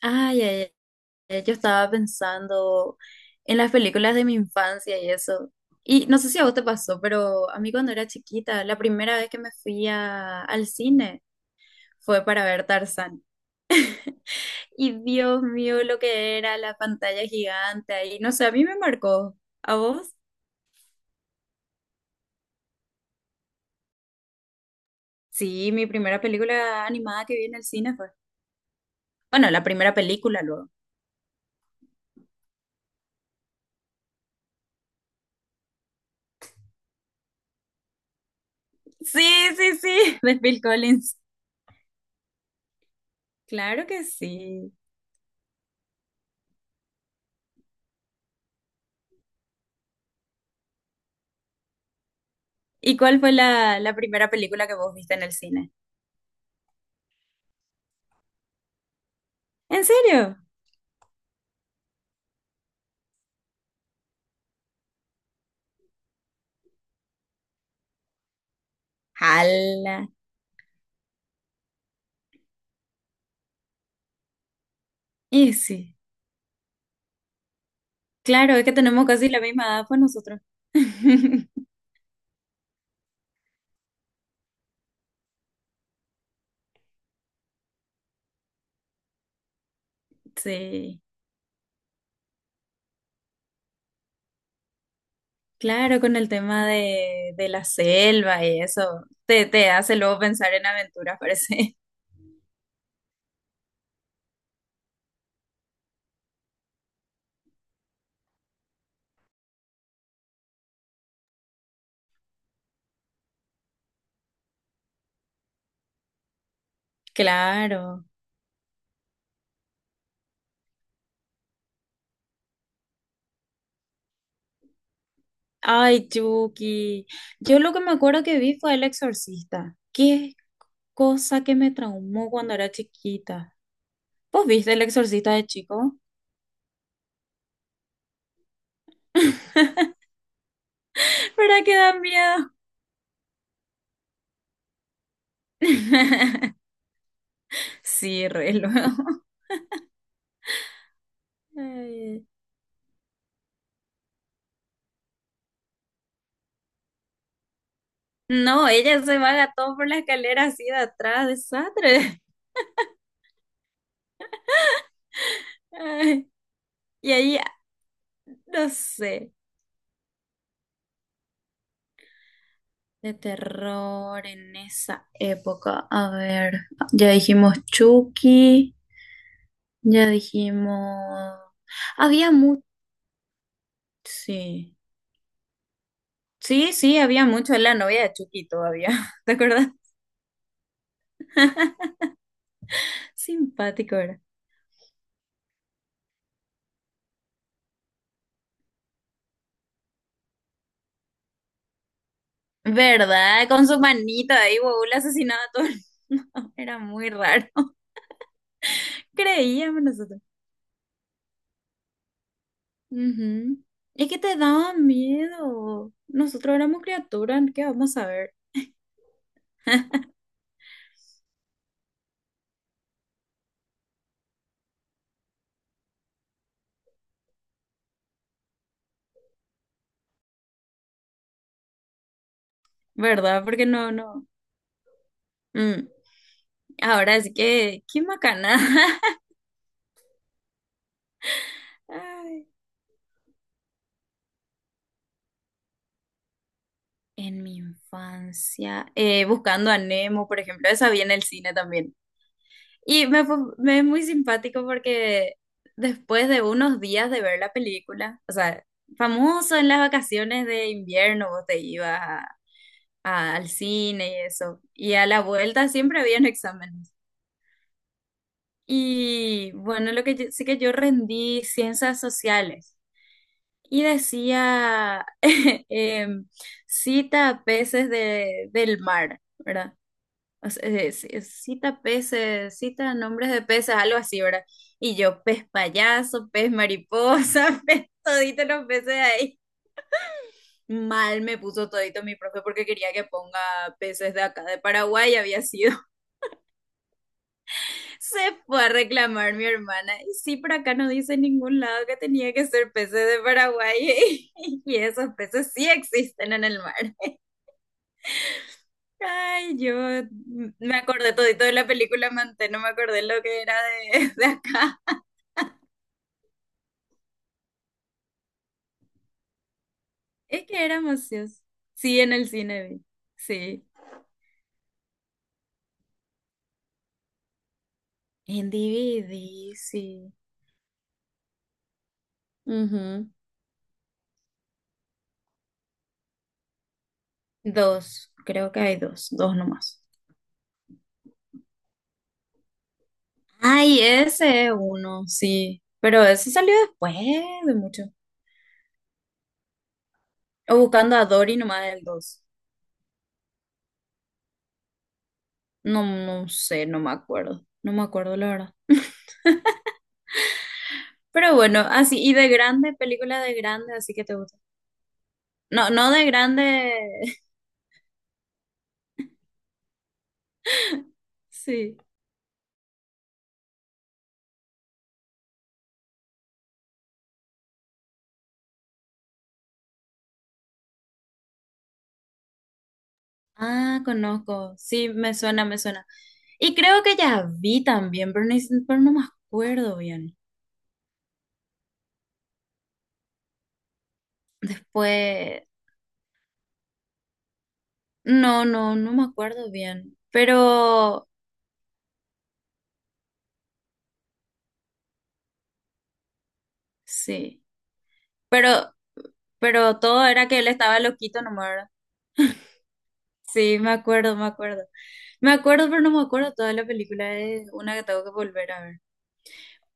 Ay, ay, ay, yo estaba pensando en las películas de mi infancia y eso. Y no sé si a vos te pasó, pero a mí cuando era chiquita, la primera vez que me fui al cine fue para ver Tarzán. Y Dios mío, lo que era la pantalla gigante ahí. No sé, a mí me marcó. ¿A vos? Sí, mi primera película animada que vi en el cine fue. Bueno, la primera película luego. Sí, sí, sí, de Phil Collins. Claro que sí. ¿Y cuál fue la primera película que vos viste en el cine? ¿En serio? ¡Hala! Y sí, claro, es que tenemos casi la misma edad, pues nosotros. Sí, claro, con el tema de la selva y eso, te hace luego pensar en aventuras, parece. Claro. Ay, Chucky. Yo lo que me acuerdo que vi fue El Exorcista. Qué cosa que me traumó cuando era chiquita. ¿Vos viste El Exorcista de chico? ¿Verdad que da miedo? Sí, re luego. Ay. No, ella se va gatón por la escalera así de atrás, desastre. Ay, y ahí, no sé, de terror en esa época. A ver, ya dijimos Chucky, ya dijimos... Había mucho, sí. Sí, sí, había mucho, la novia de Chucky todavía, ¿te acuerdas? Simpático era. ¿Verdad? Con su manita ahí, huevón, le asesinaba a todo No, era muy raro. Creíamos nosotros. Ujú. Es que te daba miedo. Nosotros éramos criaturas, ¿qué vamos a ver? ¿Verdad? Porque no, no. Mm. Ahora sí que, qué macana. Ay. En mi infancia, buscando a Nemo, por ejemplo, esa vi en el cine también. Y me fue, me es muy simpático porque después de unos días de ver la película, o sea, famoso en las vacaciones de invierno, vos te ibas al cine y eso. Y a la vuelta siempre habían exámenes. Y bueno, lo que yo, sí que yo rendí ciencias sociales y decía em, cita peces del mar, ¿verdad? O sea, cita peces, cita nombres de peces, algo así, ¿verdad? Y yo, pez payaso, pez mariposa, pez todito los peces de ahí. Mal me puso todito mi profe porque quería que ponga peces de acá de Paraguay, había sido. Se fue a reclamar mi hermana. Y sí, por acá no dice en ningún lado que tenía que ser peces de Paraguay. Y esos peces sí existen en el mar. Ay, yo me acordé todito de la película Manté, no me acordé lo que era de, de acá. Es que era ociosos. Sí, en el cine vi. Sí. En DVD, sí. Ujú. Dos, creo que hay dos, dos nomás. Ay, ese es uno, sí. Pero ese salió después de mucho. O buscando a Dory nomás del dos. No, no sé, no me acuerdo. No me acuerdo, la verdad. Pero bueno, así, y de grande, película de grande, así que te gusta. No, no de grande. Sí. Ah, conozco. Sí, me suena, me suena. Y creo que ya vi también, pero, pero no me acuerdo bien. Después, no, no, no me acuerdo bien. Pero, sí. Pero, pero todo era que él estaba loquito nomás. ¿Verdad? Sí, me acuerdo, me acuerdo. Me acuerdo, pero no me acuerdo toda la película. Es una que tengo que volver a ver.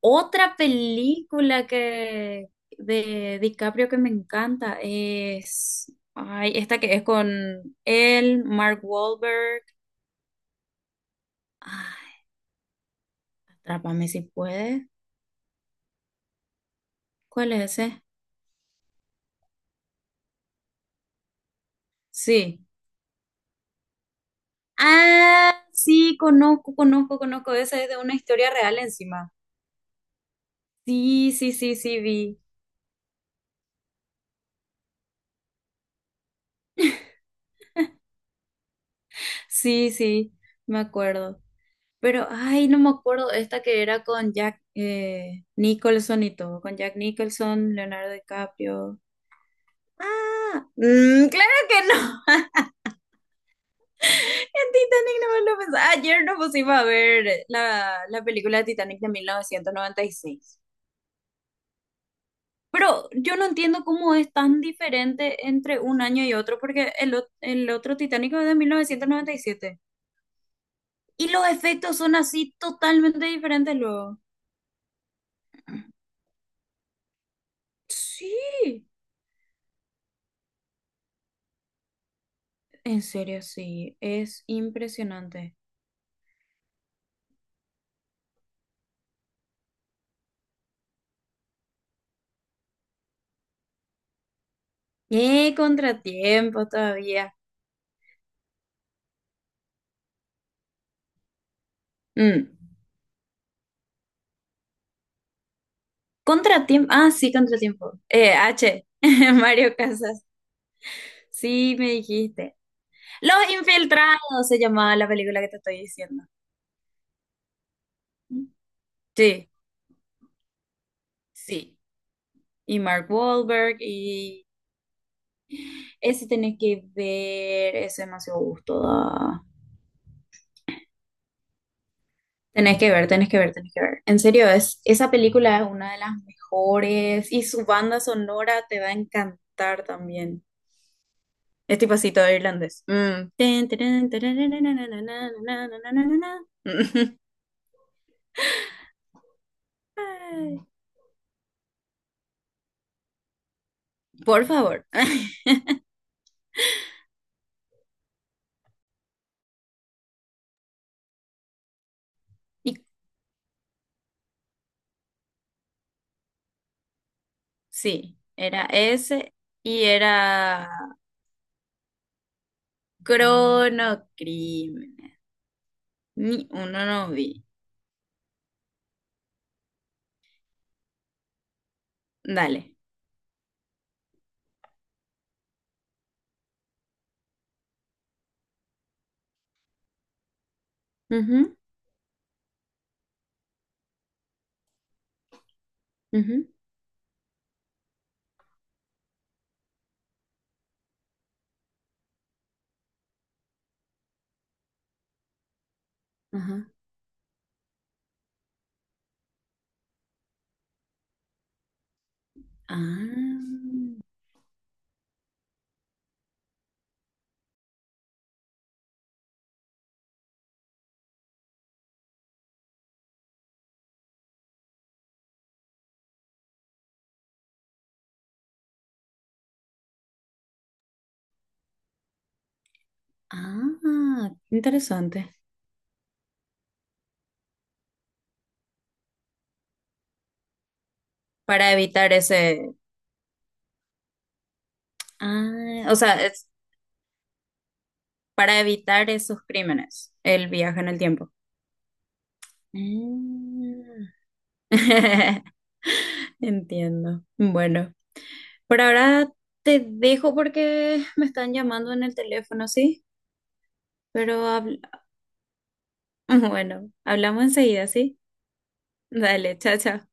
Otra película que de DiCaprio que me encanta es. Ay, esta que es con él, Mark Wahlberg. Ay, Atrápame si puede. ¿Cuál es ese? Sí. Ah, sí, conozco, conozco, conozco. Esa es de una historia real encima. Sí, sí, sí, sí, vi. Sí, sí, me acuerdo. Pero, ay, no me acuerdo, esta que era con Jack Nicholson y todo, con Jack Nicholson, Leonardo DiCaprio. Ah, mm, claro que no. En Titanic no me lo pensaba. Ayer nos pusimos a ver la película de Titanic de 1996. Pero yo no entiendo cómo es tan diferente entre un año y otro, porque el otro Titanic es de 1997. Y siete. Y los efectos son así totalmente diferentes luego. Sí. En serio, sí, es impresionante. ¡Eh, contratiempo todavía! Mm. Contratiempo, ah, sí, contratiempo. Mario Casas. Sí, me dijiste. Los Infiltrados se llamaba la película que te estoy diciendo. Sí, sí. Y Mark Wahlberg, y ese tenés que ver, ese demasiado gusto da. Tenés que ver, tenés que ver, tenés que ver. En serio, es, esa película es una de las mejores y su banda sonora te va a encantar también. Es tipo así todo irlandés. Mm. Tin, tirin, tararararararararararararararararara. Ay, por favor. Y sí, era ese y era Cronocrímenes. Ni uno no vi. Dale. Ujú, ujú, ajá. Ah, ah, interesante. Para evitar ese, ah, o sea, es para evitar esos crímenes, el viaje en el tiempo. Mm. Entiendo. Bueno, por ahora te dejo porque me están llamando en el teléfono, ¿sí? Pero bueno, hablamos enseguida, ¿sí? Dale, chao, chao.